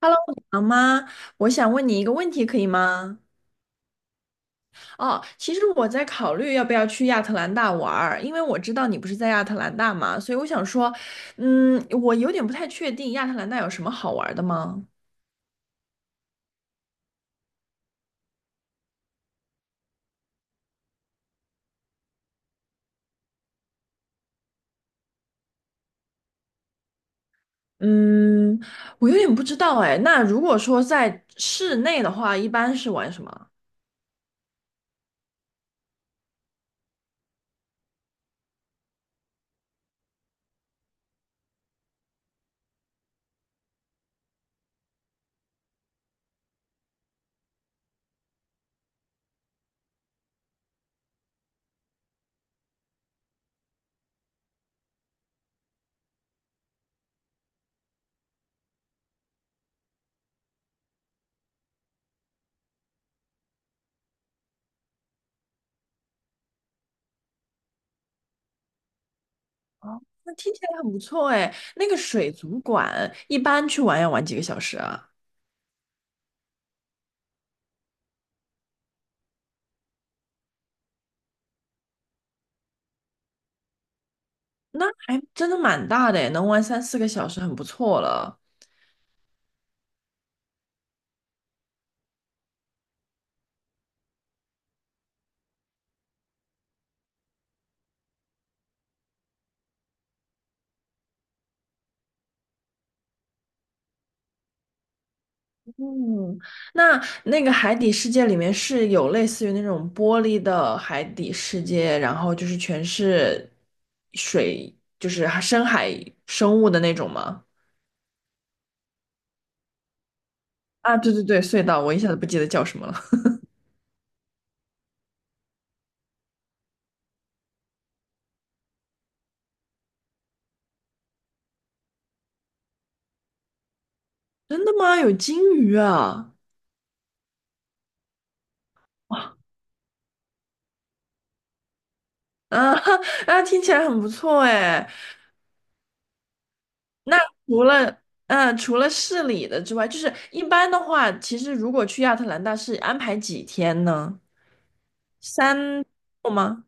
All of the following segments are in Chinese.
Hello，你好吗？我想问你一个问题，可以吗？哦，其实我在考虑要不要去亚特兰大玩儿，因为我知道你不是在亚特兰大嘛，所以我想说，我有点不太确定亚特兰大有什么好玩儿的吗？嗯，我有点不知道哎。那如果说在室内的话，一般是玩什么？哦，那听起来很不错哎。那个水族馆一般去玩要玩几个小时啊？那还真的蛮大的哎，能玩三四个小时很不错了。嗯，那那个海底世界里面是有类似于那种玻璃的海底世界，然后就是全是水，就是深海生物的那种吗？啊，对对对，隧道，我一下子不记得叫什么了。真的吗？有金鱼啊？啊 啊，听起来很不错哎。那除了除了市里的之外，就是一般的话，其实如果去亚特兰大是安排几天呢？3周吗？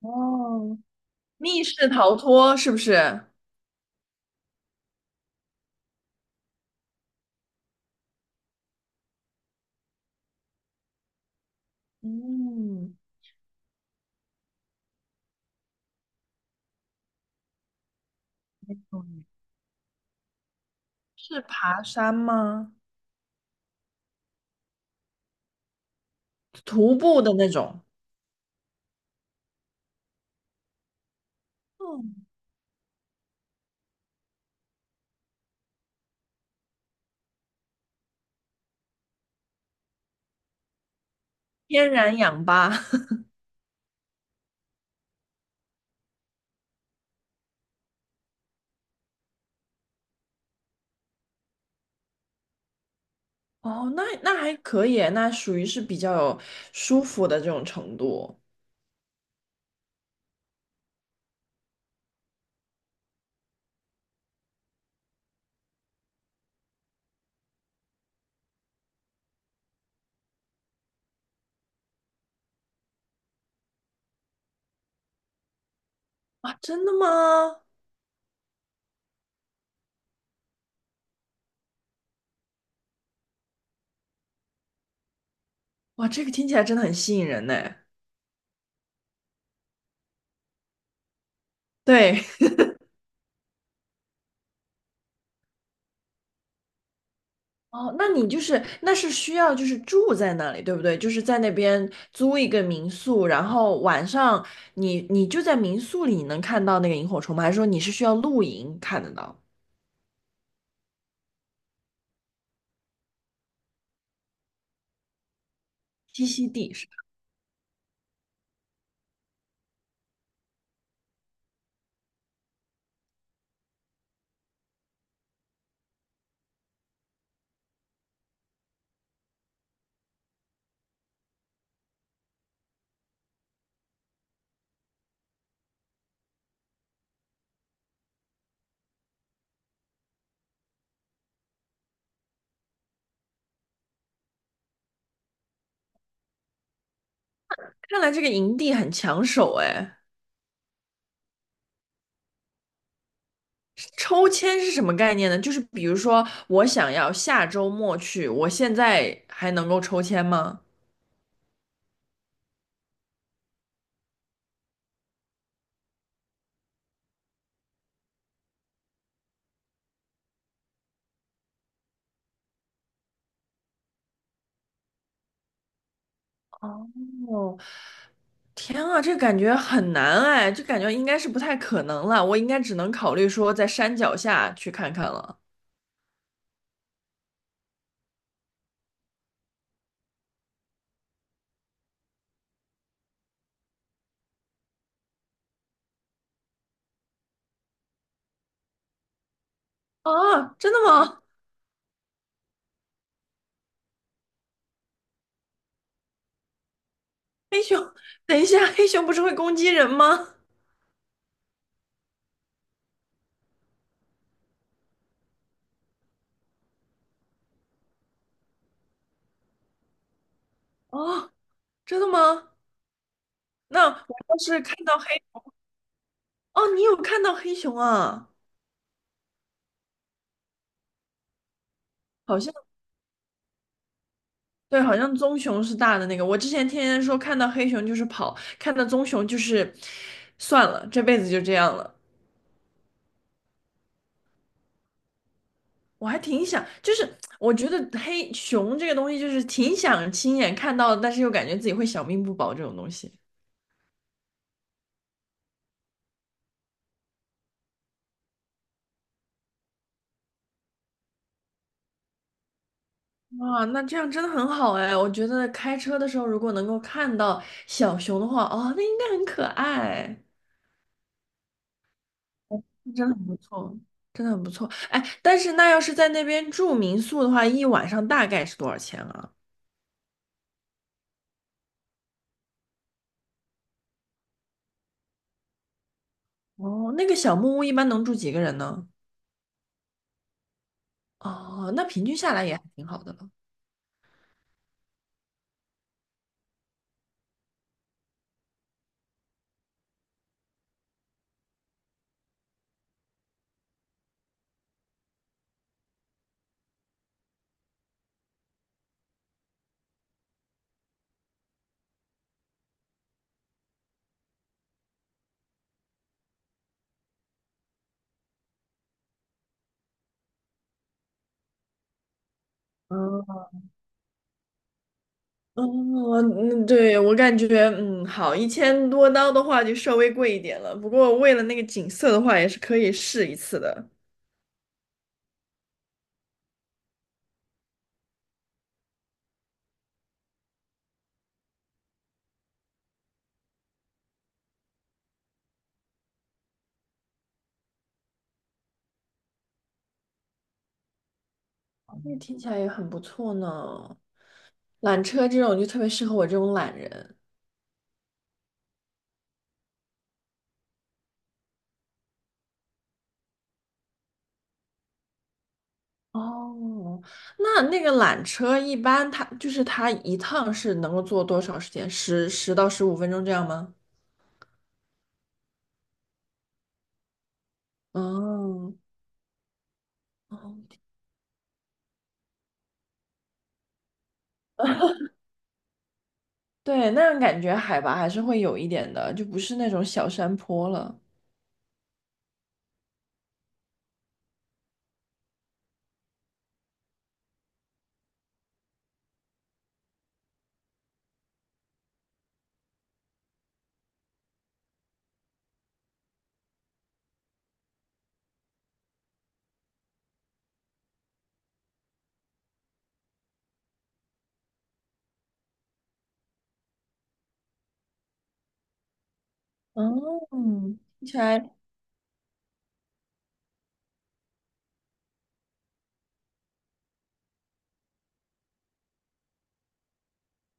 哦，密室逃脱是不是？嗯，嗯，是爬山吗？徒步的那种，嗯，天然氧吧。哦，那还可以，那属于是比较有舒服的这种程度。哇，真的吗？哇，这个听起来真的很吸引人呢。对，哦，那你就是那是需要就是住在那里，对不对？就是在那边租一个民宿，然后晚上你就在民宿里能看到那个萤火虫吗？还是说你是需要露营看得到？栖息地是吧，看来这个营地很抢手哎。抽签是什么概念呢？就是比如说，我想要下周末去，我现在还能够抽签吗？哦，天啊，这感觉很难哎，就感觉应该是不太可能了。我应该只能考虑说在山脚下去看看了。啊，真的吗？黑熊，等一下，黑熊不是会攻击人吗？哦，真的吗？那我要是看到黑，哦，你有看到黑熊啊？好像。对，好像棕熊是大的那个。我之前天天说看到黑熊就是跑，看到棕熊就是算了，这辈子就这样了。我还挺想，就是我觉得黑熊这个东西，就是挺想亲眼看到的但是又感觉自己会小命不保这种东西。哇，那这样真的很好哎！我觉得开车的时候如果能够看到小熊的话，哦，那应该很可爱，真的很不错，真的很不错。哎，但是那要是在那边住民宿的话，一晚上大概是多少钱啊？哦，那个小木屋一般能住几个人呢？哦，那平均下来也还挺好的了。嗯哦，嗯嗯，对，我感觉，好，一千多刀的话就稍微贵一点了，不过为了那个景色的话，也是可以试一次的。那听起来也很不错呢。缆车这种就特别适合我这种懒人。哦，那个缆车一般它一趟是能够坐多少时间？十到十五分钟这样吗？哦，哦对，那样感觉海拔还是会有一点的，就不是那种小山坡了。嗯，听起来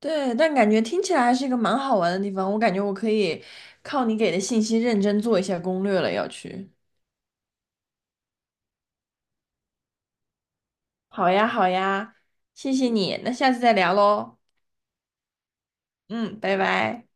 对，但感觉听起来还是一个蛮好玩的地方。我感觉我可以靠你给的信息认真做一下攻略了，要去。好呀，好呀，谢谢你，那下次再聊喽。嗯，拜拜。